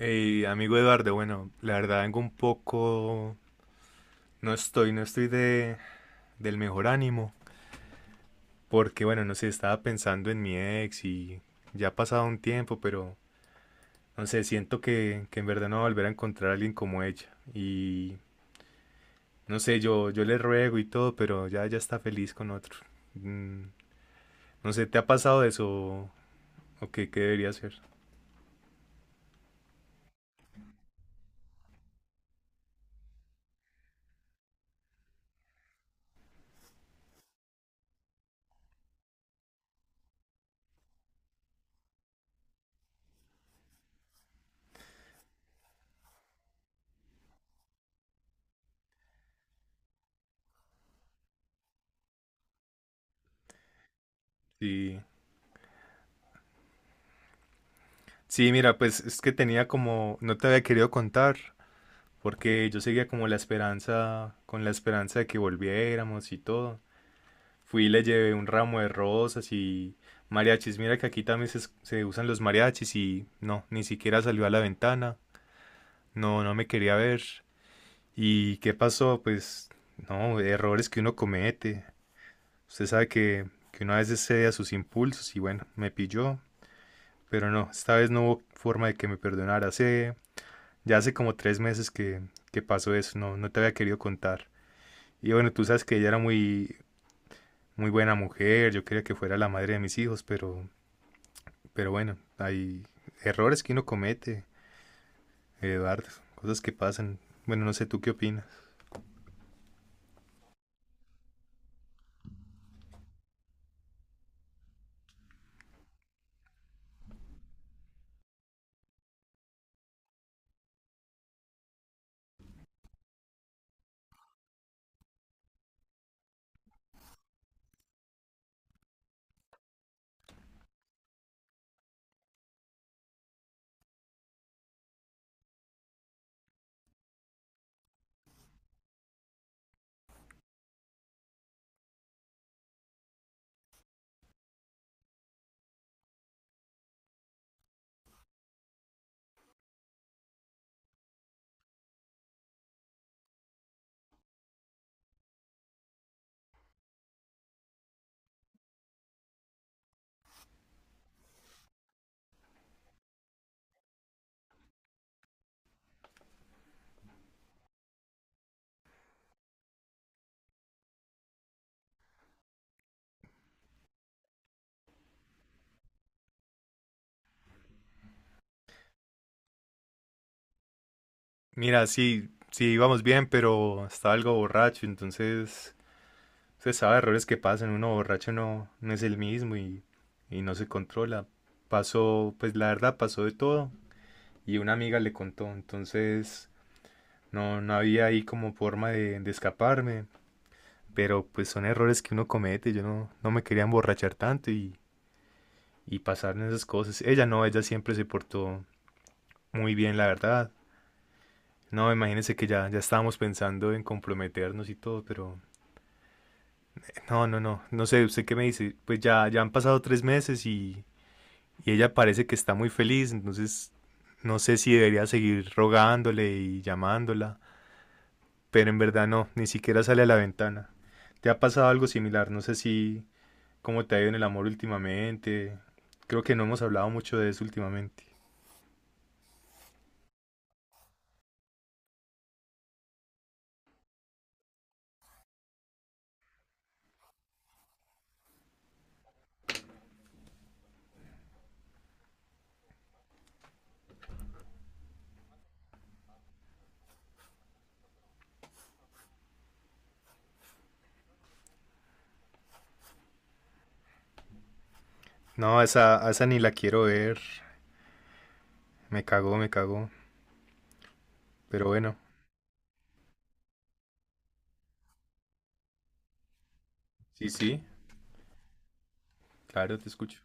Hey, amigo Eduardo, bueno, la verdad vengo un poco, no estoy del mejor ánimo, porque bueno, no sé, estaba pensando en mi ex y ya ha pasado un tiempo, pero no sé, siento que en verdad no voy a volver a encontrar a alguien como ella. Y no sé, yo le ruego y todo, pero ya, ya está feliz con otro. Mm, no sé, ¿te ha pasado eso o qué debería hacer? Sí, sí, mira, pues es que tenía como, no te había querido contar porque yo seguía como la esperanza, con la esperanza de que volviéramos y todo. Fui y le llevé un ramo de rosas y mariachis. Mira que aquí también se usan los mariachis y no, ni siquiera salió a la ventana. No, no me quería ver. ¿Y qué pasó? Pues no, errores que uno comete. Usted sabe que uno a veces cede a sus impulsos y bueno, me pilló. Pero no, esta vez no hubo forma de que me perdonara. Ya hace como 3 meses que pasó eso, no, no te había querido contar. Y bueno, tú sabes que ella era muy, muy buena mujer, yo quería que fuera la madre de mis hijos, pero bueno, hay errores que uno comete, Eduardo, cosas que pasan. Bueno, no sé tú qué opinas. Mira, sí, sí íbamos bien, pero estaba algo borracho, entonces usted sabe errores que pasan, uno borracho no, no es el mismo y no se controla. Pasó, pues la verdad pasó de todo y una amiga le contó, entonces no, no había ahí como forma de escaparme. Pero pues son errores que uno comete. Yo no, no me quería emborrachar tanto y pasar en esas cosas. Ella no, ella siempre se portó muy bien, la verdad. No, imagínense que ya, ya estábamos pensando en comprometernos y todo, pero no, no, no, no sé, ¿usted qué me dice? Pues ya, ya han pasado 3 meses y ella parece que está muy feliz, entonces no sé si debería seguir rogándole y llamándola, pero en verdad no, ni siquiera sale a la ventana. ¿Te ha pasado algo similar? No sé si, ¿Cómo te ha ido en el amor últimamente? Creo que no hemos hablado mucho de eso últimamente. No, a esa ni la quiero ver. Me cagó, me cagó. Pero bueno, sí, sí, claro, te escucho.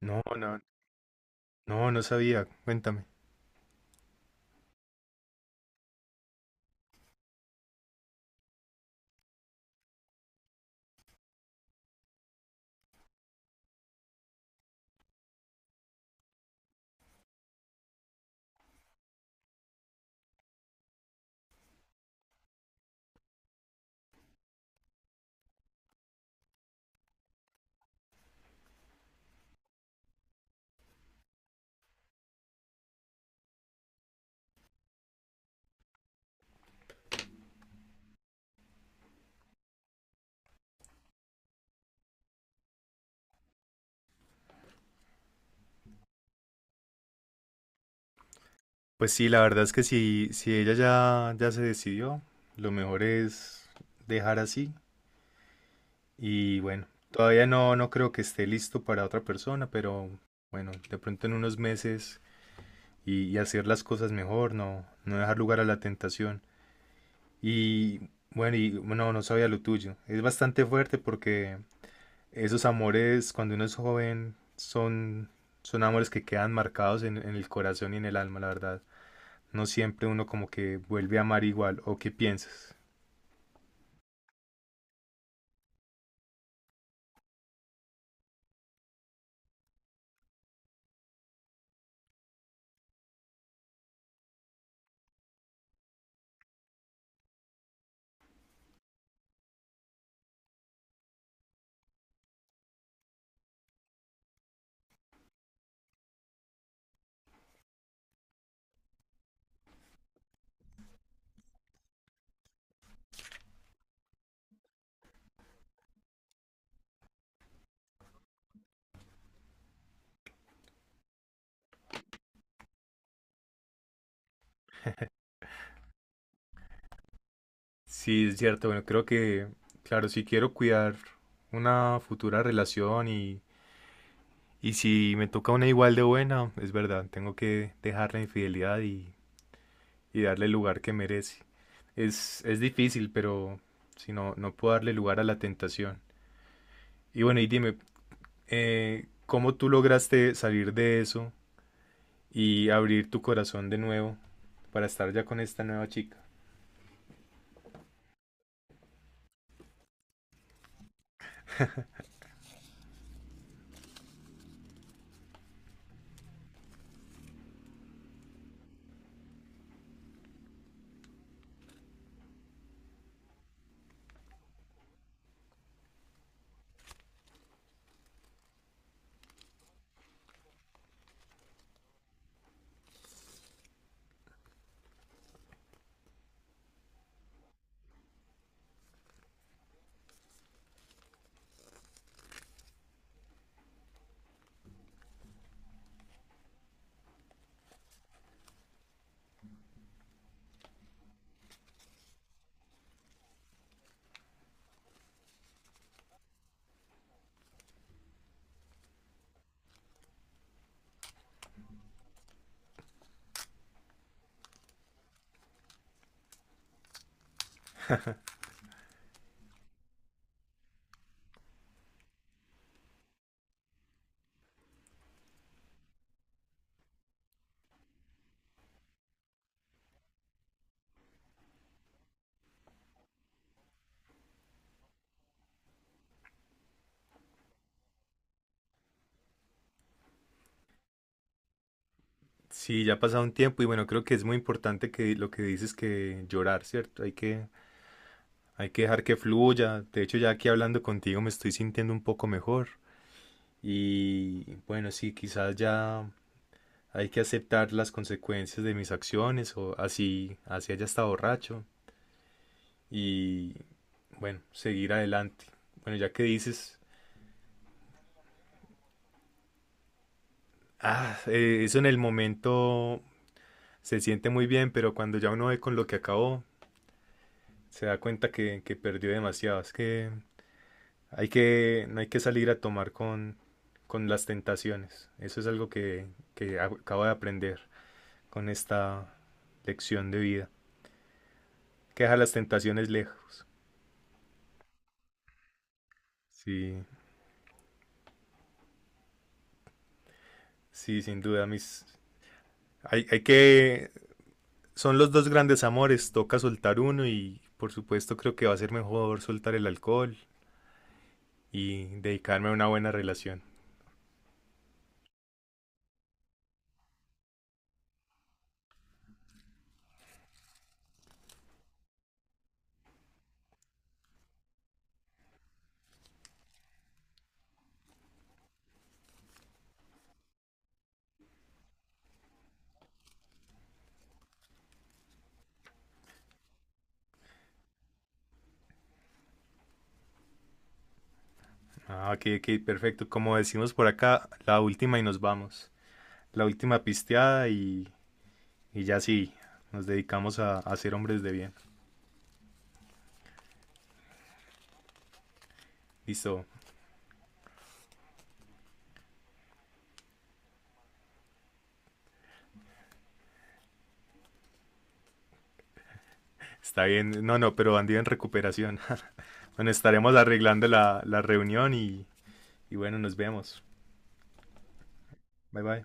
No, no, no, no sabía. Cuéntame. Pues sí, la verdad es que si ella ya, ya se decidió, lo mejor es dejar así. Y bueno, todavía no, no creo que esté listo para otra persona, pero bueno, de pronto en unos meses y hacer las cosas mejor, no, no dejar lugar a la tentación. Y bueno, y no, no sabía lo tuyo. Es bastante fuerte porque esos amores cuando uno es joven son, son amores que quedan marcados en el corazón y en el alma, la verdad. No siempre uno como que vuelve a amar igual. ¿O qué piensas? Sí, es cierto. Bueno, creo que, claro, si quiero cuidar una futura relación y si me toca una igual de buena, es verdad, tengo que dejar la infidelidad y darle el lugar que merece. Es difícil, pero si no, no puedo darle lugar a la tentación. Y bueno, dime, ¿cómo tú lograste salir de eso y abrir tu corazón de nuevo para estar ya con esta nueva chica? Sí, ya ha pasado un tiempo y bueno, creo que es muy importante que lo que dices que llorar, ¿cierto? Hay que dejar que fluya. De hecho, ya aquí hablando contigo me estoy sintiendo un poco mejor. Y bueno, sí, quizás ya hay que aceptar las consecuencias de mis acciones o así, así haya estado borracho. Y bueno, seguir adelante. Bueno, ya que dices, ah, eso en el momento se siente muy bien, pero cuando ya uno ve con lo que acabó, se da cuenta que perdió demasiado. Es que no hay que salir a tomar con las tentaciones. Eso es algo que acabo de aprender con esta lección de vida. Hay que deja las tentaciones lejos. Sí, sí, sin duda, mis... Hay que Son los dos grandes amores, toca soltar uno y por supuesto creo que va a ser mejor soltar el alcohol y dedicarme a una buena relación. Ah, ok, ok, perfecto. Como decimos por acá, la última y nos vamos. La última pisteada y ya sí, nos dedicamos a ser hombres de bien. Listo, está bien. No, no, pero bandido en recuperación. Bueno, estaremos arreglando la reunión y bueno, nos vemos. Bye bye.